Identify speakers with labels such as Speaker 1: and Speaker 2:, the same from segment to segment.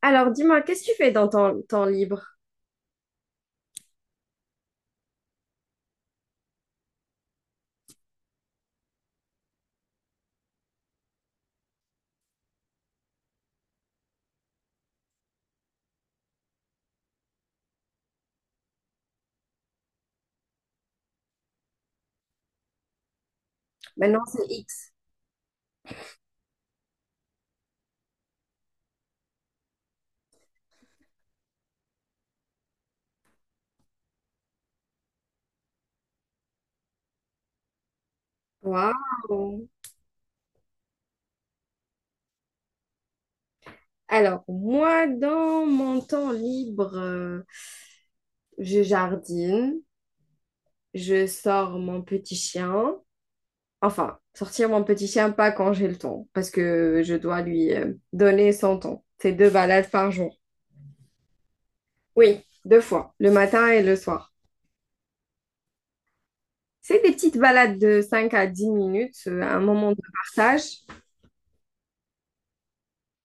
Speaker 1: Alors, dis-moi, qu'est-ce que tu fais dans ton temps libre? Maintenant, c'est X. Waouh! Alors, moi, dans mon temps libre, je jardine, je sors mon petit chien. Enfin, sortir mon petit chien, pas quand j'ai le temps, parce que je dois lui donner son temps. C'est 2 balades par jour. Oui, 2 fois, le matin et le soir. C'est des petites balades de 5 à 10 minutes, un moment de partage,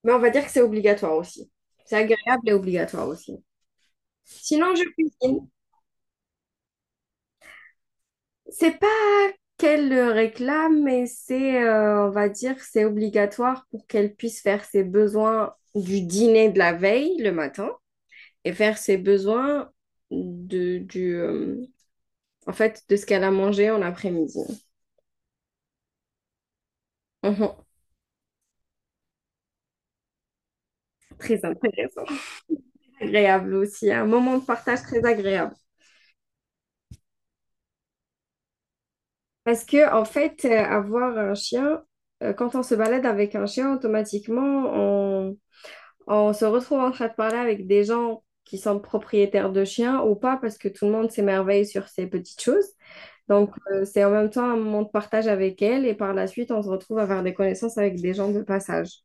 Speaker 1: mais on va dire que c'est obligatoire aussi. C'est agréable et obligatoire aussi. Sinon, je cuisine. C'est pas qu'elle le réclame, mais c'est, on va dire, c'est obligatoire pour qu'elle puisse faire ses besoins du dîner de la veille, le matin, et faire ses besoins du, en fait, de ce qu'elle a mangé en après-midi. Mhm. Très intéressant. Agréable aussi, un moment de partage très agréable. Parce que, en fait, avoir un chien, quand on se balade avec un chien, automatiquement, on se retrouve en train de parler avec des gens qui sont propriétaires de chiens ou pas, parce que tout le monde s'émerveille sur ces petites choses. Donc, c'est en même temps un moment de partage avec elles et par la suite, on se retrouve à faire des connaissances avec des gens de passage.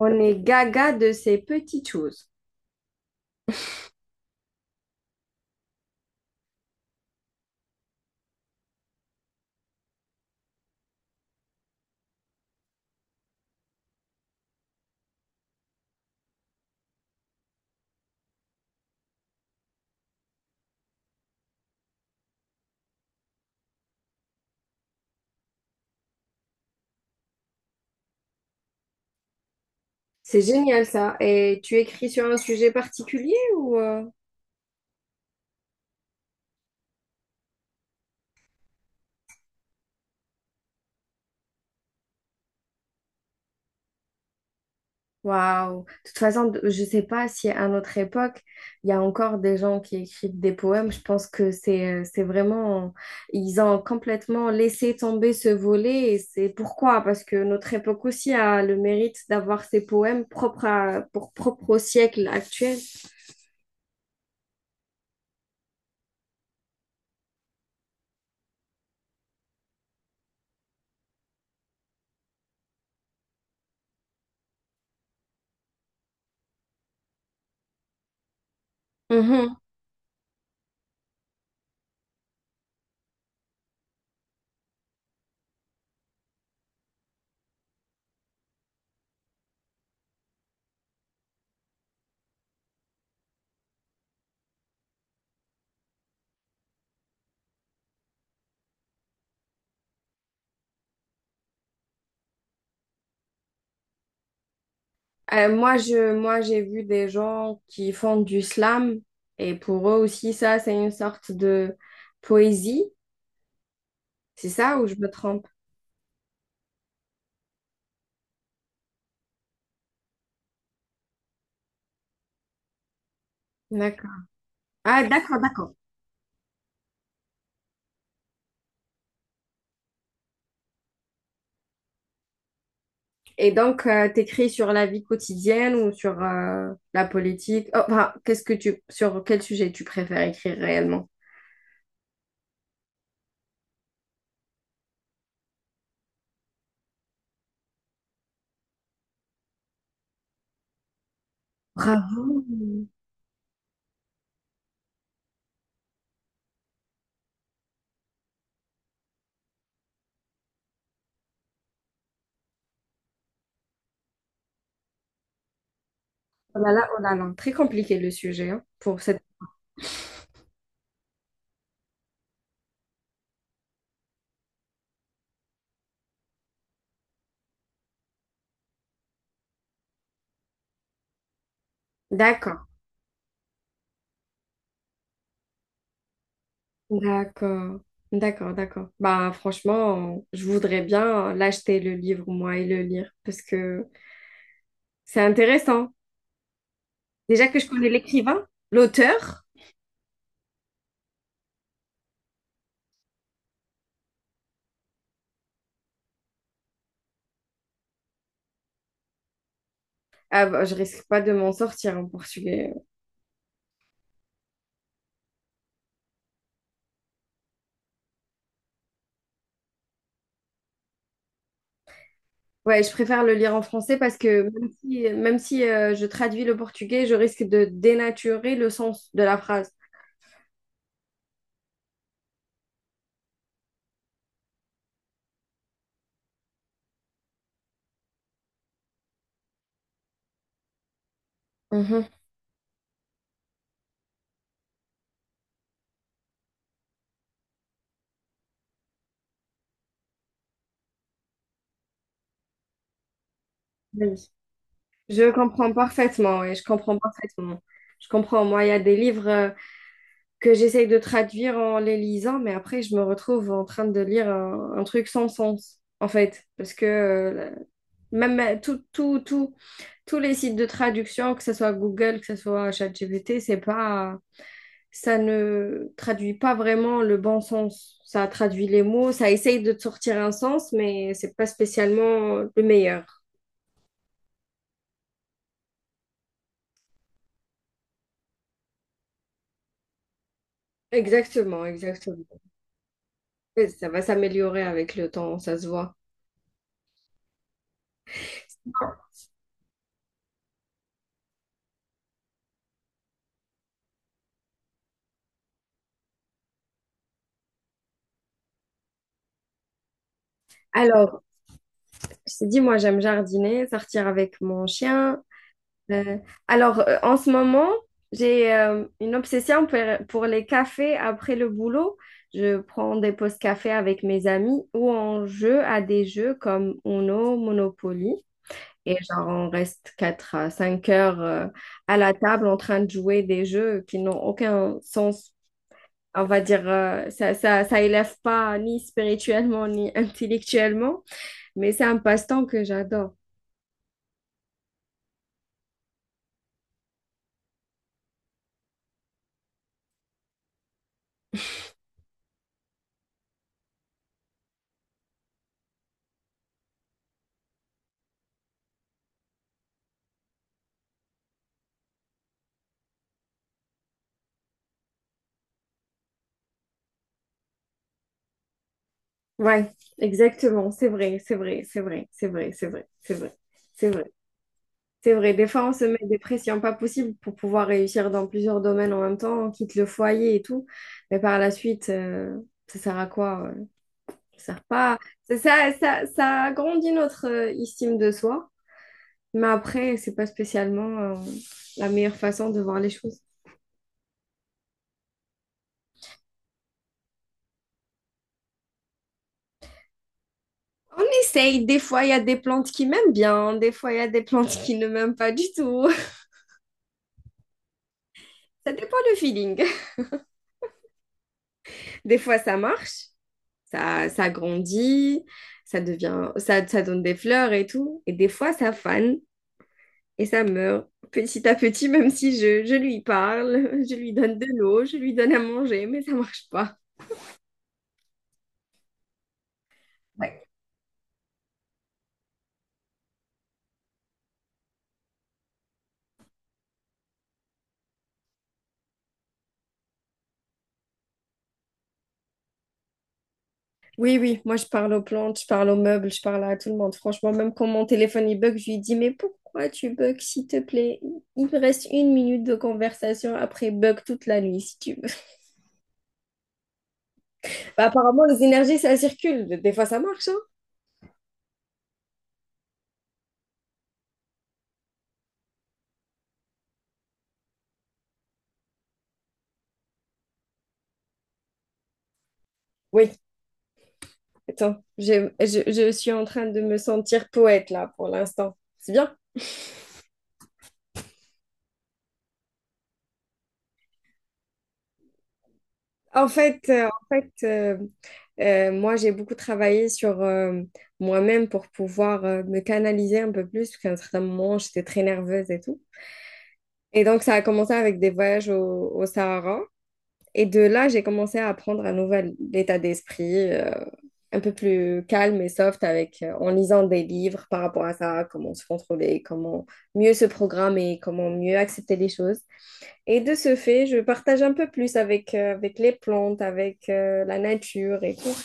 Speaker 1: On est gaga de ces petites choses. C'est génial ça. Et tu écris sur un sujet particulier ou? Waouh! De toute façon, je sais pas si à notre époque, il y a encore des gens qui écrivent des poèmes. Je pense que c'est vraiment... Ils ont complètement laissé tomber ce volet. Et c'est pourquoi? Parce que notre époque aussi a le mérite d'avoir ces poèmes propres pour propre au siècle actuel. Mhm. Moi, j'ai vu des gens qui font du slam. Et pour eux aussi, ça, c'est une sorte de poésie. C'est ça ou je me trompe? D'accord. Ah, d'accord, d'accord. Et donc, t'écris sur la vie quotidienne ou sur la politique? Oh, enfin, sur quel sujet tu préfères écrire réellement? Bravo. Oh là là, oh là là, très compliqué le sujet hein, pour cette. D'accord, d'accord, d'accord, d'accord. Bah franchement, je voudrais bien l'acheter le livre moi et le lire parce que c'est intéressant. Déjà que je connais l'écrivain, l'auteur, ah bah, je risque pas de m'en sortir en portugais, hein. Ouais, je préfère le lire en français parce que même si je traduis le portugais, je risque de dénaturer le sens de la phrase. Mhm. Oui. Je comprends parfaitement, ouais, je comprends parfaitement. Je comprends, moi, il y a des livres, que j'essaye de traduire en les lisant, mais après, je me retrouve en train de lire un truc sans sens, en fait, parce que même tout, tout, tout, tous les sites de traduction, que ce soit Google, que ce soit ChatGPT, c'est pas, ça ne traduit pas vraiment le bon sens. Ça traduit les mots, ça essaye de te sortir un sens, mais c'est pas spécialement le meilleur. Exactement, exactement. Ça va s'améliorer avec le temps, ça se voit. Alors, je t'ai dit, moi, j'aime jardiner, sortir avec mon chien. Euh, alors, en ce moment, j'ai une obsession pour les cafés après le boulot. Je prends des pauses café avec mes amis ou on joue à des jeux comme Uno, Monopoly. Et genre, on reste 4 à 5 heures à la table en train de jouer des jeux qui n'ont aucun sens. On va dire, ça élève pas ni spirituellement ni intellectuellement, mais c'est un passe-temps que j'adore. Ouais, exactement, c'est vrai, c'est vrai, c'est vrai, c'est vrai, c'est vrai, c'est vrai, c'est vrai, c'est vrai. Des fois, on se met des pressions pas possibles pour pouvoir réussir dans plusieurs domaines en même temps, on quitte le foyer et tout, mais par la suite, ça sert à quoi? Ça sert pas. Ça agrandit notre estime de soi, mais après, c'est pas spécialement la meilleure façon de voir les choses. On essaye, des fois, il y a des plantes qui m'aiment bien, des fois, il y a des plantes qui ne m'aiment pas du tout. Ça dépend du feeling. Des fois, ça marche. Ça grandit, ça donne des fleurs et tout. Et des fois, ça fane et ça meurt petit à petit, même si je lui parle, je lui donne de l'eau, je lui donne à manger, mais ça marche pas. Ouais. Oui, oui, moi je parle aux plantes, je parle aux meubles, je parle à tout le monde. Franchement, même quand mon téléphone il bug, je lui dis, mais pourquoi tu bugs, s'il te plaît? Il me reste 1 minute de conversation, après bug toute la nuit, si tu veux. Bah, apparemment, les énergies, ça circule. Des fois, ça marche, hein. Oui, attends, je suis en train de me sentir poète là pour l'instant. C'est bien. En fait moi j'ai beaucoup travaillé sur moi-même pour pouvoir me canaliser un peu plus, parce qu'à un certain moment j'étais très nerveuse et tout. Et donc ça a commencé avec des voyages au Sahara. Et de là, j'ai commencé à apprendre un nouvel état d'esprit, un peu plus calme et soft avec, en lisant des livres par rapport à ça, comment se contrôler, comment mieux se programmer, comment mieux accepter les choses. Et de ce fait, je partage un peu plus avec, avec les plantes, avec la nature et tout,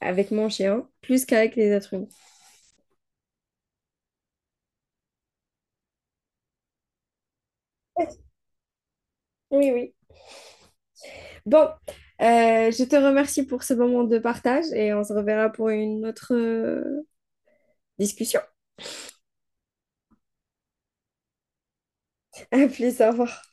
Speaker 1: avec mon chien, plus qu'avec les êtres humains. Oui, oui. Bon, je te remercie pour ce moment de partage et on se reverra pour une autre discussion. À plus, au revoir.